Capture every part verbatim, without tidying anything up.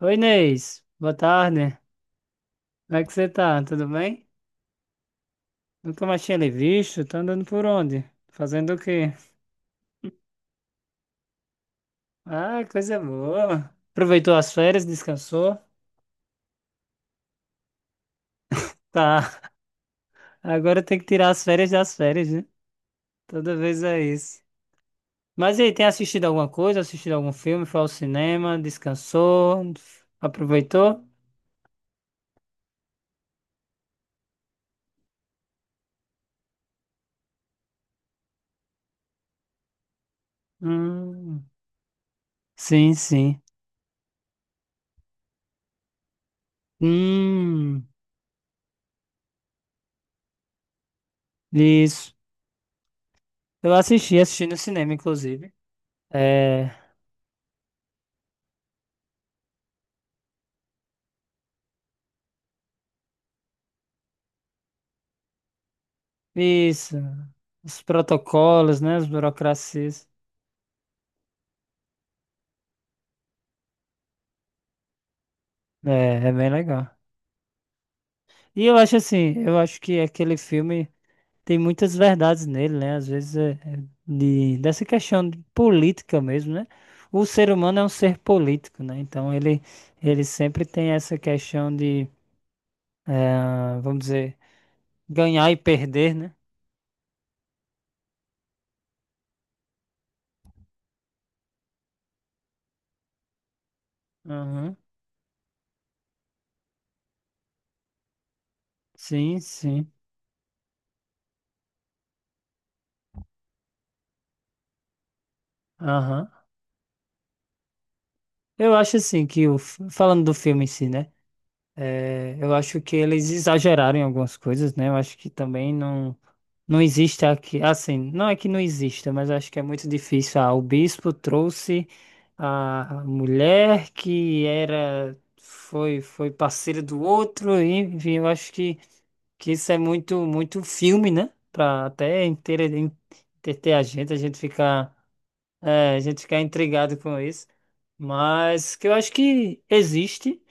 Oi, Inês. Boa tarde. Como é que você tá? Tudo bem? Nunca mais tinha lhe visto. Tá andando por onde? Fazendo o quê? Ah, coisa boa. Aproveitou as férias, descansou? Tá. Agora tem que tirar as férias das férias, né? Toda vez é isso. Mas e aí, tem assistido alguma coisa? Assistido algum filme? Foi ao cinema? Descansou? Aproveitou? Hum, sim, sim. Hum, isso. Eu assisti, assisti no cinema, inclusive. É, isso. Os protocolos, né? As burocracias. É, é bem legal. E eu acho assim, eu acho que aquele filme tem muitas verdades nele, né? Às vezes é, é de, dessa questão de política mesmo, né? O ser humano é um ser político, né? Então ele, ele sempre tem essa questão de, eh, vamos dizer, ganhar e perder, né? Aham. Sim, sim. Aham. Eu acho assim que o, f- falando do filme em si, né? É, eu acho que eles exageraram em algumas coisas, né? Eu acho que também não, não existe aqui, assim, não é que não exista, mas eu acho que é muito difícil. Ah, o bispo trouxe a a mulher que era, foi, foi parceira do outro, e, enfim, eu acho que, que isso é muito, muito filme, né? Pra até entreter, entreter a gente, a gente ficar, é, a gente ficar intrigado com isso. Mas que eu acho que existe,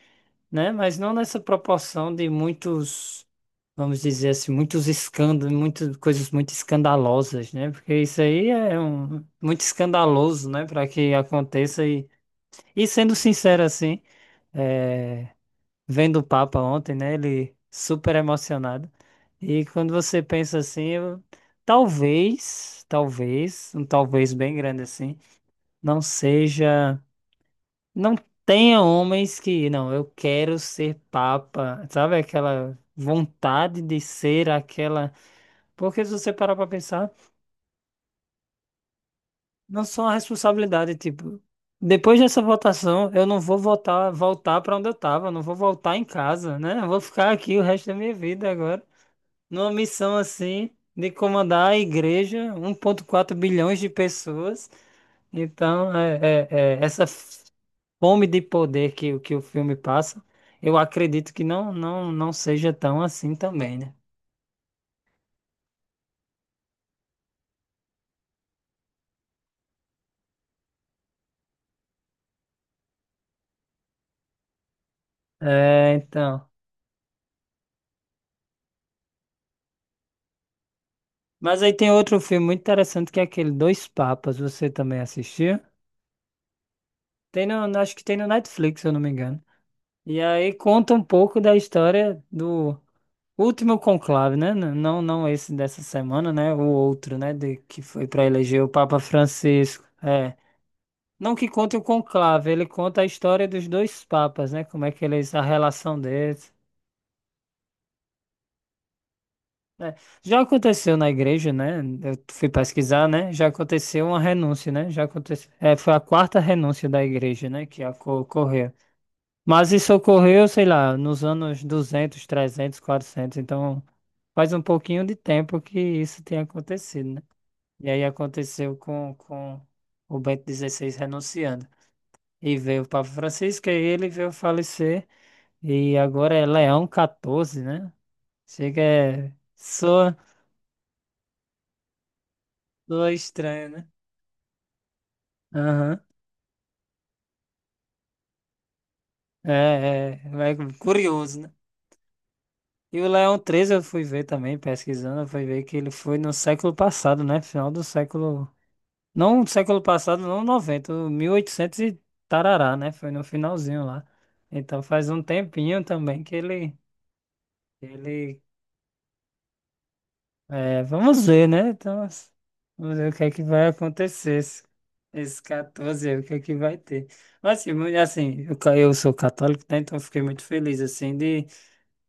né? Mas não nessa proporção de muitos, vamos dizer assim, muitos escândalos, muitas coisas muito escandalosas, né? Porque isso aí é um, muito escandaloso, né? Para que aconteça e, e sendo sincero assim, é, vendo o Papa ontem, né? Ele super emocionado. E quando você pensa assim, eu- talvez, talvez, um talvez bem grande assim, não seja não tenha homens que, não, eu quero ser papa, sabe? Aquela vontade de ser aquela. Porque se você parar pra pensar, não só a responsabilidade, tipo, depois dessa votação, eu não vou voltar, voltar para onde eu tava, não vou voltar em casa, né? Eu vou ficar aqui o resto da minha vida agora, numa missão assim, de comandar a igreja, um vírgula quatro bilhões de pessoas. Então, é, é, é, essa. fome de poder que, que o filme passa, eu acredito que não, não, não seja tão assim também, né? É, então. Mas aí tem outro filme muito interessante que é aquele Dois Papas, você também assistiu? Tem no, no- acho que tem no Netflix, se eu não me engano. E aí conta um pouco da história do último conclave, né? N- Não, não esse dessa semana, né? O outro, né? De, que foi para eleger o Papa Francisco. É. Não que conte o conclave, ele conta a história dos dois papas, né? Como é que eles, a relação deles. É, já aconteceu na igreja, né? Eu fui pesquisar, né? Já aconteceu uma renúncia, né? Já aconteceu. É, foi a quarta renúncia da igreja, né? Que aco- ocorreu. Mas isso ocorreu, sei lá, nos anos duzentos, trezentos, quatrocentos. Então, faz um pouquinho de tempo que isso tem acontecido, né? E aí aconteceu com, com o Bento dezesseis renunciando. E veio o Papa Francisco, e ele veio falecer. E agora é Leão catorze, né? Chega, é. Soa. Soa estranho, né? Aham. É, é, é curioso, né? E o Leão treze eu fui ver também, pesquisando, eu fui ver que ele foi no século passado, né? Final do século. Não século passado, não noventa o mil e oitocentos e oitocentos e tarará, né? Foi no finalzinho lá. Então faz um tempinho também que ele. ele é, vamos ver, né? Então, as- vamos ver o que é que vai acontecer. Esse, esse quatorze, aí, o que é que vai ter. Mas assim, mu- assim, eu, ca- eu sou católico, né? Então eu fiquei muito feliz, assim, de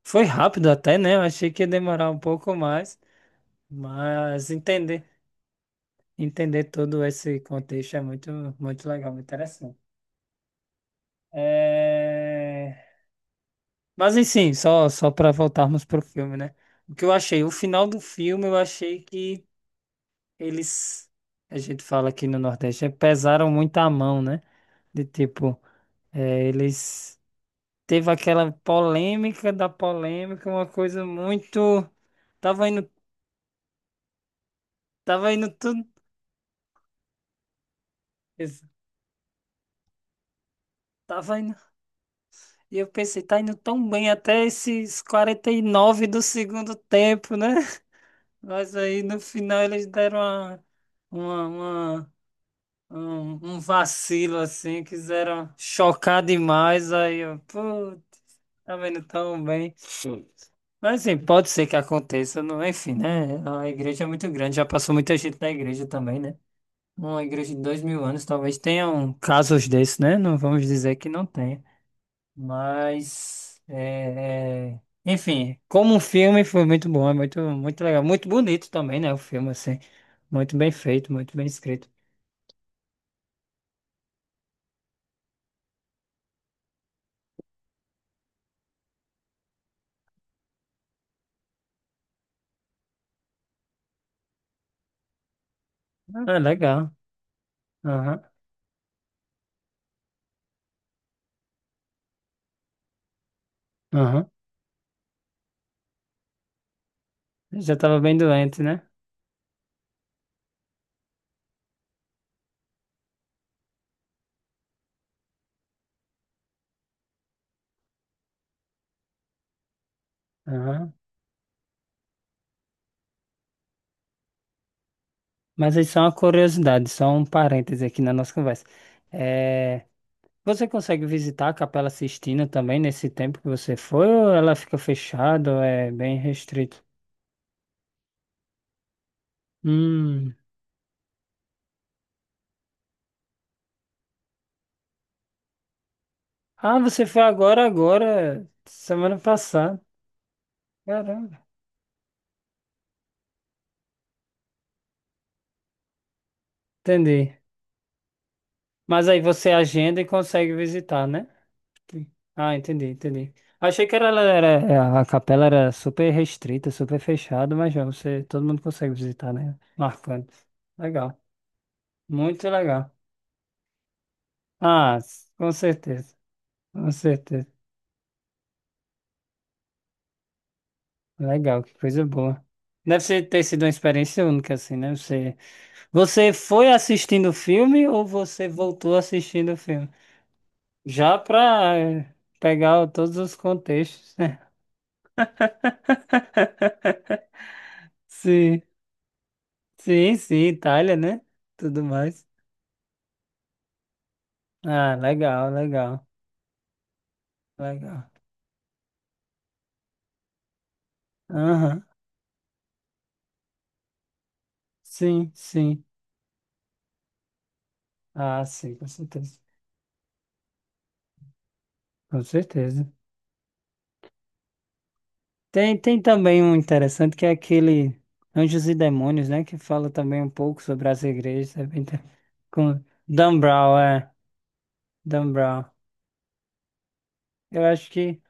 Foi rápido até, né? Eu achei que ia demorar um pouco mais, mas entender, entender todo esse contexto é muito, muito legal, muito interessante. É... Mas enfim, só, só para voltarmos pro filme, né? O que eu achei, o final do filme, eu achei que eles, a gente fala aqui no Nordeste, é, pesaram muito a mão, né? De tipo, é, eles teve aquela polêmica da polêmica, uma coisa muito, tava indo, tava indo tudo. Tava indo, e eu pensei, tá indo tão bem até esses quarenta e nove do segundo tempo, né? Mas aí no final eles deram uma, uma, uma- um, um vacilo assim, quiseram chocar demais. Aí eu, putz, tava indo tão bem. Mas assim, pode ser que aconteça, não, enfim, né? A igreja é muito grande, já passou muita gente na igreja também, né? Uma igreja de dois mil anos talvez tenha um casos desses, né? Não vamos dizer que não tenha. Mas, é, é, enfim, como um filme foi muito bom, é muito, muito legal, muito bonito também, né? O filme, assim, muito bem feito, muito bem escrito. Ah, legal. Aham, aham. Eu já estava bem doente, né? Aham. Mas aí só uma curiosidade, só um parêntese aqui na nossa conversa. É, você consegue visitar a Capela Sistina também nesse tempo que você foi, ou ela fica fechada, ou é bem restrito? Hum. Ah, você foi agora, agora, semana passada. Caramba. Entendi. Mas aí você agenda e consegue visitar, né? Sim. Ah, entendi, entendi. Achei que era, era- a capela era super restrita, super fechada, mas já você, todo mundo consegue visitar, né? Marcando. Legal. Muito legal. Ah, s- com certeza. Com certeza. Legal, que coisa boa. Deve ser- ter sido uma experiência única, assim, né? Você, você foi assistindo o filme ou você voltou assistindo o filme? Já pra eh, pegar o- todos os contextos. Sim, sim, sim, Itália, né? Tudo mais. Ah, legal, legal, legal. Aham. Sim, sim. Ah, sim, com certeza. Com certeza. Tem, tem também um interessante que é aquele Anjos e Demônios, né? Que fala também um pouco sobre as igrejas. É bem inter- Com Dan Brown, é. Dan Brown. Eu acho que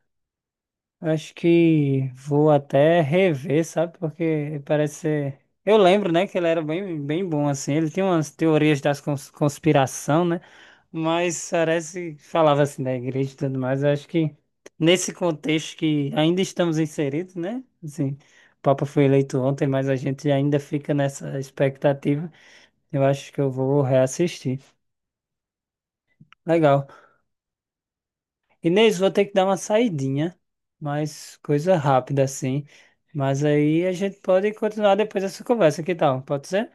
Acho que vou até rever, sabe? Porque parece ser. Eu lembro, né, que ele era bem, bem bom, assim. Ele tinha umas teorias das cons- conspiração, né? Mas parece que falava assim da igreja e tudo mais. Eu acho que nesse contexto que ainda estamos inseridos, né? Assim, o Papa foi eleito ontem, mas a gente ainda fica nessa expectativa. Eu acho que eu vou reassistir. Legal. Inês, vou ter que dar uma saidinha, mas coisa rápida assim. Mas aí a gente pode continuar depois dessa conversa, que tal? Pode ser?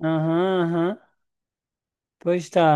Aham, aham. Pois tá.